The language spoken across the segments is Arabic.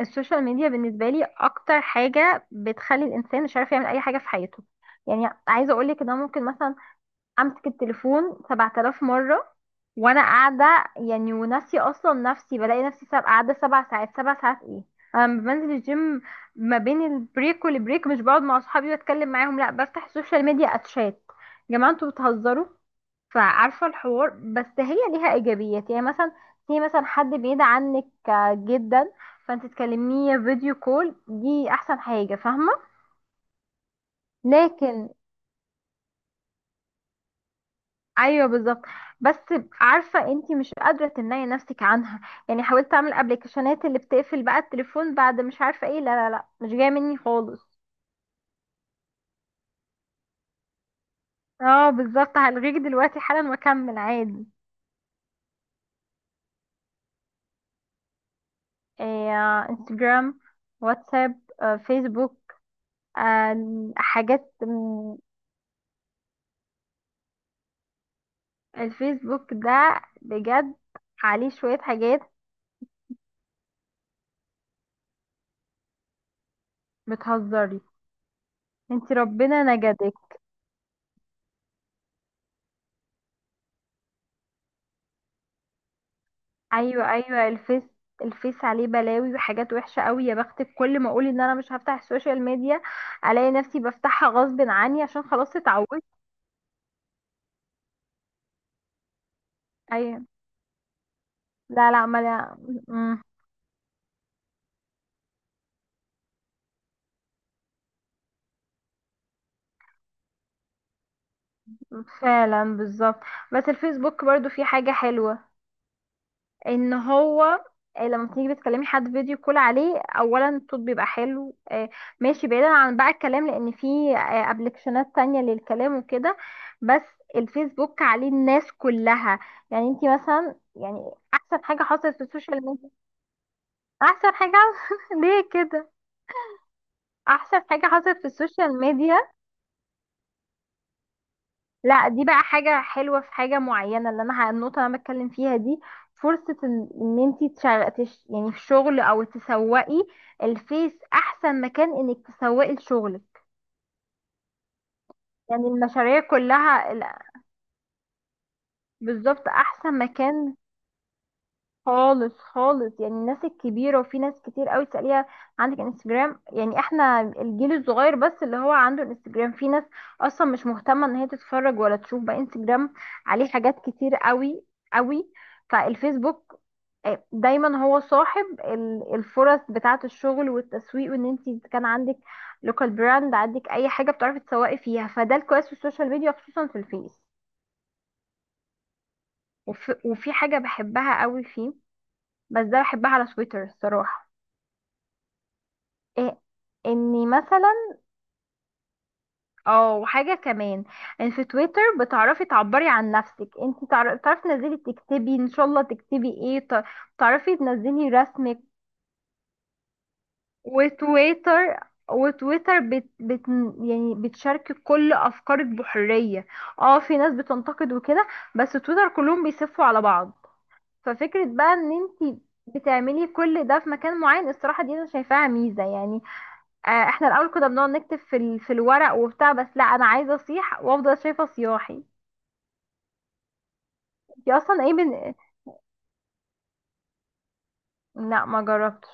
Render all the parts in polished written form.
السوشيال ميديا بالنسبة لي أكتر حاجة بتخلي الإنسان مش عارف يعمل أي حاجة في حياته. يعني عايزة أقولك إن أنا ممكن مثلا أمسك التليفون 7,000 مرة وأنا قاعدة، يعني وناسية أصلا نفسي. بلاقي نفسي قاعدة سبع ساعات. سبع ساعات إيه؟ أنا لما بنزل الجيم، ما بين البريك والبريك مش بقعد مع أصحابي وأتكلم معاهم، لأ بفتح السوشيال ميديا أتشات. يا جماعة أنتوا بتهزروا؟ فعارفة الحوار. بس هي ليها إيجابيات، يعني مثلا في مثلا حد بعيد عنك، جدا، فانت تكلميه فيديو كول. دي أحسن حاجة، فاهمة؟ لكن أيوه بالظبط. بس عارفة انت مش قادرة تمنعي نفسك عنها. يعني حاولت أعمل أبلكيشنات اللي بتقفل بقى التليفون، بعد مش عارفة ايه، لا لا لا مش جاية مني خالص. اه بالظبط، هلغيك دلوقتي حالا وأكمل عادي. إيه، انستجرام، واتساب، فيسبوك، حاجات. الفيسبوك ده بجد عليه شوية حاجات. بتهزري؟ انتي ربنا نجدك. ايوه ايوه، الفيس، الفيس عليه بلاوي وحاجات وحشة قوي. يا بختك، كل ما اقول ان انا مش هفتح السوشيال ميديا الاقي نفسي بفتحها غصب عني، عشان خلاص اتعودت. ايوه. لا لا ما لا. مم. فعلا بالظبط. بس الفيسبوك برضو فيه حاجة حلوة. ان هو لما تيجي بتكلمي حد فيديو كول عليه اولا الصوت بيبقى حلو، ماشي. بعيدا عن بقى الكلام، لان في ابلكيشنات تانية للكلام وكده. بس الفيسبوك عليه الناس كلها. يعني انتي مثلا، يعني احسن حاجة حصلت في السوشيال ميديا. احسن حاجة ليه كده؟ احسن حاجة حصلت في السوشيال ميديا. لا دي بقى حاجة حلوة في حاجة معينة. اللي انا النقطة اللي انا بتكلم فيها دي، فرصة ان انتي يعني في الشغل او تسوقي. الفيس احسن مكان انك تسوقي لشغلك. يعني المشاريع كلها، لا، بالظبط احسن مكان خالص خالص. يعني الناس الكبيرة، وفي ناس كتير قوي تسأليها عندك انستجرام؟ يعني احنا الجيل الصغير بس اللي هو عنده انستجرام، في ناس اصلا مش مهتمة ان هي تتفرج ولا تشوف بقى انستجرام. عليه حاجات كتير قوي قوي. فالفيسبوك دايما هو صاحب الفرص بتاعة الشغل والتسويق، وان انت كان عندك لوكال براند، عندك اي حاجة بتعرفي تسوقي فيها، فده الكويس في السوشيال ميديا، خصوصا في الفيس. وفي حاجة بحبها قوي فيه. بس ده بحبها على تويتر الصراحة. إيه اني مثلا اه. وحاجة كمان، ان في تويتر بتعرفي تعبري عن نفسك، انت تعرفي تنزلي تكتبي ان شاء الله تكتبي ايه، تعرفي تنزلي رسمك. وتويتر، وتويتر بت يعني بتشارك كل افكارك بحرية. اه في ناس بتنتقد وكده، بس تويتر كلهم بيسفوا على بعض. ففكرة بقى ان انتي بتعملي كل ده في مكان معين، الصراحة دي انا شايفاها ميزة، يعني آه. احنا الاول كنا بنقعد نكتب في في الورق وبتاع، بس لا، انا عايزة اصيح وافضل شايفة صياحي. انتي اصلا ايه لا ما جربتش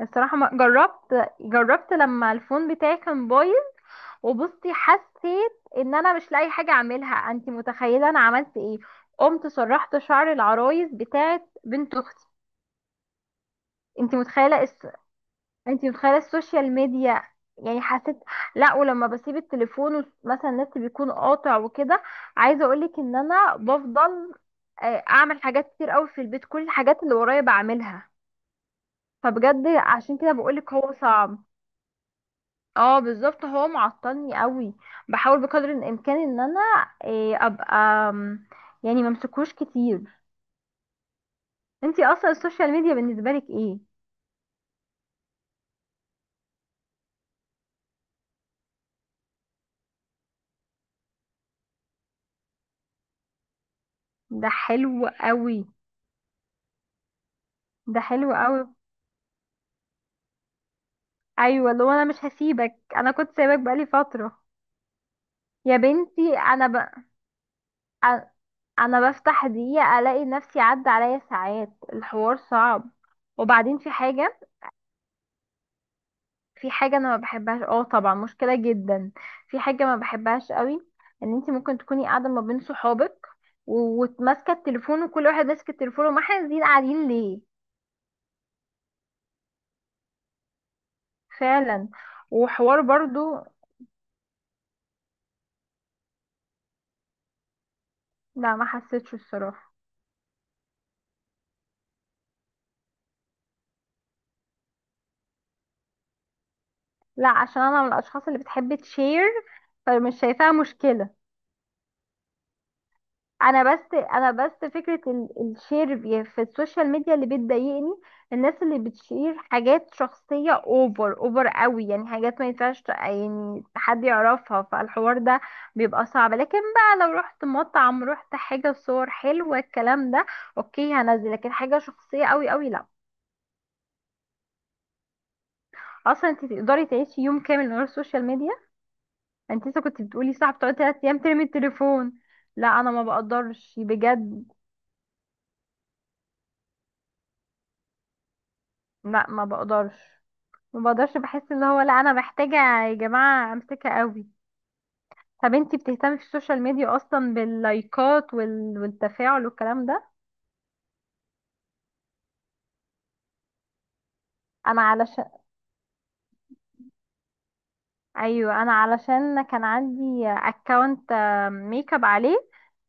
الصراحة. ما جربت. جربت لما الفون بتاعي كان بايظ، وبصي حسيت ان انا مش لاقي حاجه اعملها. انت متخيله انا عملت ايه؟ قمت سرحت شعر العرايس بتاعت بنت اختي. انت متخيله انت متخيله السوشيال ميديا. يعني حسيت، لا. ولما بسيب التليفون مثلا النت بيكون قاطع وكده، عايزه اقولك ان انا بفضل، اعمل حاجات كتير قوي في البيت، كل الحاجات اللي ورايا بعملها. فبجد عشان كده بقولك هو صعب. اه بالظبط، هو معطلني قوي. بحاول بقدر الامكان ان انا إيه ابقى أم، يعني ممسكوش كتير. انتي اصلا السوشيال ميديا بالنسبه لك ايه؟ ده حلو قوي. ده حلو قوي. ايوه، اللي هو انا مش هسيبك، انا كنت سايبك بقالي فتره. يا بنتي انا أ- انا بفتح دقيقه الاقي نفسي عدى عليا ساعات. الحوار صعب. وبعدين في حاجه، في حاجة انا ما بحبهاش، اه طبعا مشكلة جدا. في حاجة ما بحبهاش قوي، ان انت ممكن تكوني قاعدة ما بين صحابك وماسكة التليفون، وكل واحد ماسك التليفون، وما احنا قاعدين قاعدين ليه؟ فعلا. وحوار برضو. لا ما حسيتش الصراحة. لا عشان انا من الاشخاص اللي بتحب تشير، فمش شايفاها مشكلة. انا بس، انا بس فكره الشير في السوشيال ميديا اللي بتضايقني. الناس اللي بتشير حاجات شخصيه اوفر اوفر قوي، يعني حاجات ما ينفعش يعني حد يعرفها، فالحوار ده بيبقى صعب. لكن بقى لو رحت مطعم، رحت حاجه، صور حلوه الكلام ده، اوكي هنزل. لكن حاجه شخصيه قوي قوي، لا. اصلا انت تقدري تعيشي يوم كامل من غير السوشيال ميديا؟ انت لسه كنت بتقولي صح بتقعدي 3 ايام ترمي التليفون. لا انا ما بقدرش بجد. لا ما بقدرش. ما بقدرش، بحس ان هو، لا انا محتاجة. يا جماعة امسكها قوي. طب انتي بتهتمي في السوشيال ميديا اصلا باللايكات والتفاعل والكلام ده؟ انا علشان، ايوه انا علشان كان عندي اكونت ميك اب عليه،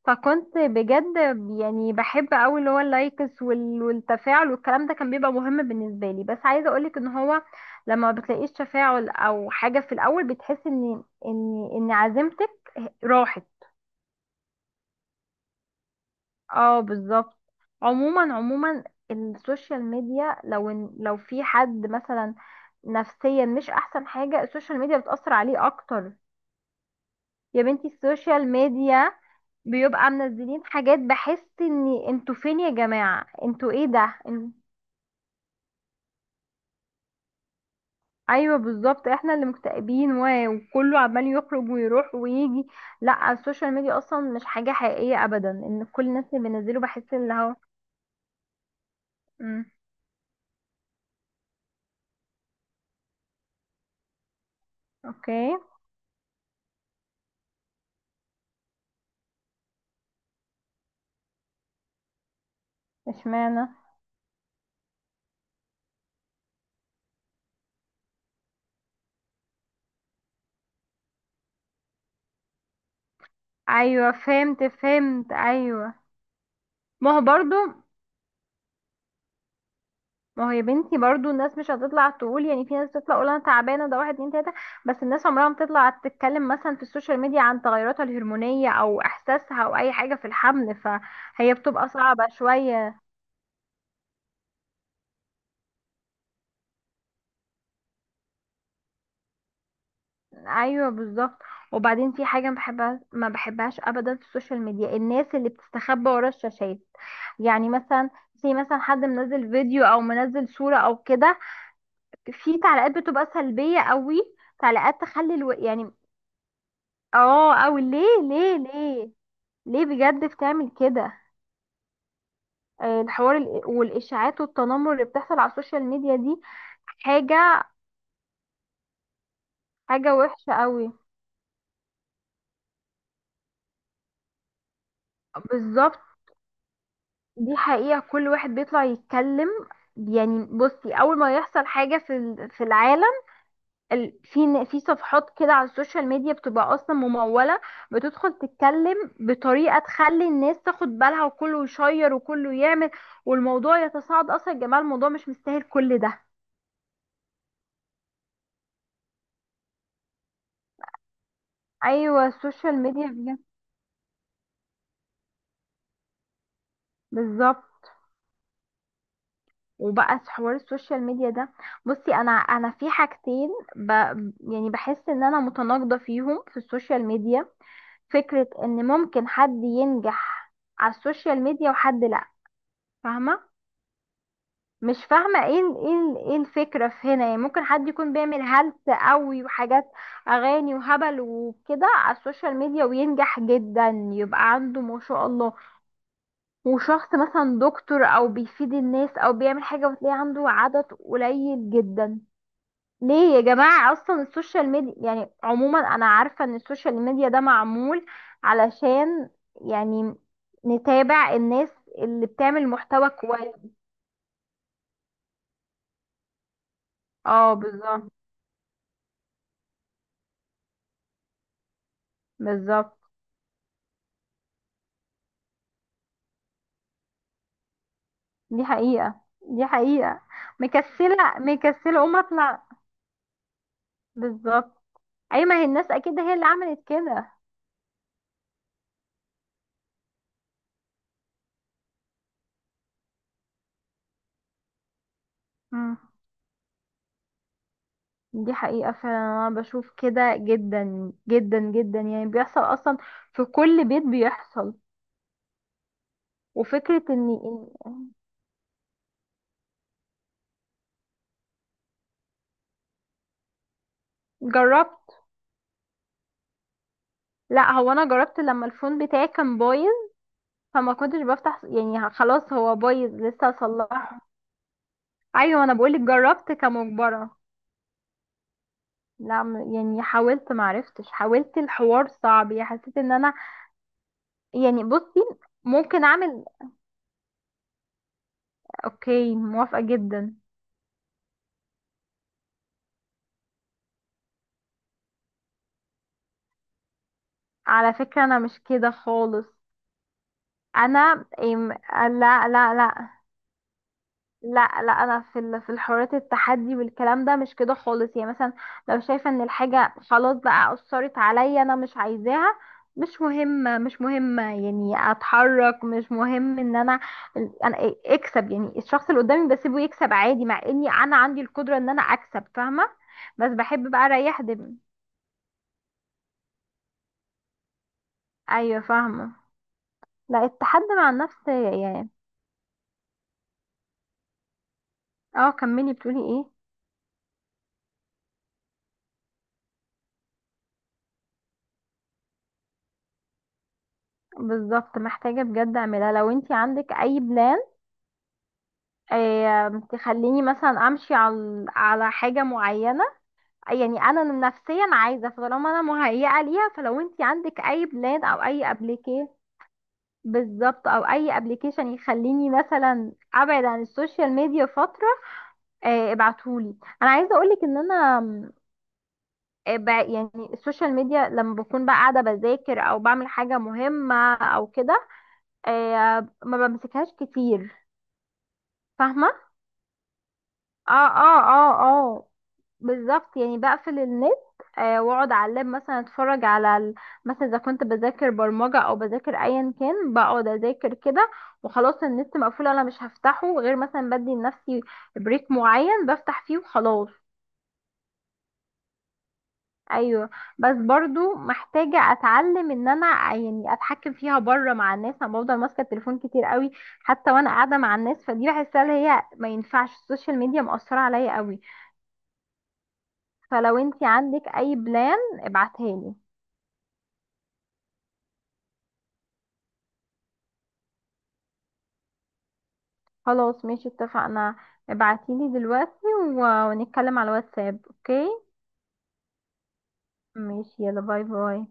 فكنت بجد يعني بحب قوي اللي هو اللايكس والتفاعل والكلام ده كان بيبقى مهم بالنسبة لي. بس عايزة اقولك ان هو لما ما بتلاقيش تفاعل او حاجة في الاول، بتحس ان عزيمتك راحت. اه بالظبط. عموما عموما السوشيال ميديا، لو إن لو في حد مثلا نفسيا مش احسن حاجة، السوشيال ميديا بتأثر عليه اكتر. يا بنتي السوشيال ميديا، بيبقى منزلين حاجات، بحس ان انتوا فين يا جماعة، انتوا ايه ده ايوه بالظبط، احنا اللي مكتئبين وكله عمال يخرج ويروح ويجي. لا السوشيال ميديا اصلا مش حاجة حقيقية ابدا، ان كل الناس اللي بينزلوا بحس اللي هو. امم. اوكي. اشمعنى؟ ايوه فهمت، فهمت ايوه. ما هو برضو، ما هو يا بنتي برضو الناس مش هتطلع تقول. يعني في ناس بتطلع تقول انا تعبانه ده، واحد اتنين تلاته، بس الناس عمرها ما بتطلع تتكلم مثلا في السوشيال ميديا عن تغيراتها الهرمونيه او احساسها او اي حاجه في الحمل، فهي بتبقى صعبه شويه. ايوه بالظبط. وبعدين في حاجه ما بحبها، ما بحبهاش ابدا في السوشيال ميديا، الناس اللي بتستخبى ورا الشاشات. يعني مثلا في مثلا حد منزل فيديو او منزل صوره او كده، في تعليقات بتبقى سلبية قوي، تعليقات تخلي يعني اه. او ليه ليه ليه، ليه بجد بتعمل كده؟ الحوار والاشاعات والتنمر اللي بتحصل على السوشيال ميديا دي حاجة، حاجة وحشة قوي. بالظبط. دي حقيقة، كل واحد بيطلع يتكلم. يعني بصي اول ما يحصل حاجة في في العالم، في في صفحات كده على السوشيال ميديا بتبقى اصلا ممولة، بتدخل تتكلم بطريقة تخلي الناس تاخد بالها، وكله يشير وكله يعمل، والموضوع يتصاعد. اصلا يا جماعة الموضوع مش مستاهل كل ده. ايوه السوشيال ميديا بجد. بالظبط. وبقى في حوار السوشيال ميديا ده، بصي انا في حاجتين ب... يعني بحس ان انا متناقضة فيهم في السوشيال ميديا. فكرة ان ممكن حد ينجح على السوشيال ميديا وحد لا. فاهمة؟ مش فاهمة ايه ايه ايه الفكرة في هنا. يعني ممكن حد يكون بيعمل هلس قوي وحاجات، اغاني وهبل وكده على السوشيال ميديا وينجح جدا، يبقى عنده ما شاء الله. وشخص مثلا دكتور او بيفيد الناس او بيعمل حاجة، وتلاقي عنده عدد قليل جدا. ليه يا جماعة؟ اصلا السوشيال ميديا يعني عموما، انا عارفة ان السوشيال ميديا ده معمول علشان يعني نتابع الناس اللي بتعمل محتوى كويس. اه بالظبط. بالظبط، دي حقيقة، دي حقيقة. مكسلة مكسلة قوم اطلع. بالظبط. اي ما هي الناس اكيد هي اللي عملت كده. مم. دي حقيقة فعلا. انا بشوف كده جدا جدا جدا، يعني بيحصل اصلا، في كل بيت بيحصل. وفكرة اني جربت. لا هو انا جربت لما الفون بتاعي كان بايظ، فما كنتش بفتح. يعني خلاص هو بايظ لسه اصلحه. ايوه انا بقولك جربت كمجبرة. لا يعني حاولت، معرفتش. حاولت، الحوار صعب. يعني حسيت ان انا، يعني بصي ممكن اعمل، اوكي موافقة جدا. على فكرة انا مش كده خالص. انا لا. لا لا. لا لا انا في في الحريات، التحدي والكلام ده مش كده خالص. يعني مثلا لو شايفة ان الحاجة خلاص بقى اثرت عليا، انا مش عايزاها. مش مهمة، مش مهمة، يعني اتحرك، مش مهم ان انا اكسب. يعني الشخص اللي قدامي بسيبه يكسب عادي، مع اني انا عندي القدرة ان انا اكسب، فاهمة؟ بس بحب بقى اريح دماغي. ايوه فاهمه. لا التحدي مع النفس يعني. اه كملي، بتقولي ايه. بالظبط محتاجة بجد اعملها. لو انتي عندك اي بلان، تخليني مثلا امشي على على حاجة معينة، يعني انا نفسيا عايزة. فطالما انا مهيئة ليها، فلو انتي عندك اي بلان او اي ابليكي، بالظبط، او اي ابليكيشن يخليني مثلا ابعد عن السوشيال ميديا فترة، ابعتهولي. انا عايزة اقولك ان انا يعني السوشيال ميديا لما بكون بقى قاعدة بذاكر أو بعمل حاجة مهمة أو كده، ما بمسكهاش كتير، فاهمة؟ اه اه اه اه بالظبط. يعني بقفل النت، واقعد على اللاب مثلا اتفرج على مثلا اذا كنت بذاكر برمجة او بذاكر ايا كان، بقعد اذاكر كده، وخلاص النت مقفول، انا مش هفتحه غير مثلا بدي لنفسي بريك معين بفتح فيه وخلاص. ايوه. بس برضو محتاجه اتعلم ان انا يعني اتحكم فيها بره مع الناس. انا بفضل ماسكه التليفون كتير قوي حتى وانا قاعده مع الناس، فدي بحسها اللي هي ما ينفعش، السوشيال ميديا مأثره عليا قوي. فلو انتي عندك اي بلان ابعتها لي. خلاص ماشي اتفقنا. ابعتيلي دلوقتي ونتكلم على الواتساب. اوكي ماشي. يلا باي باي.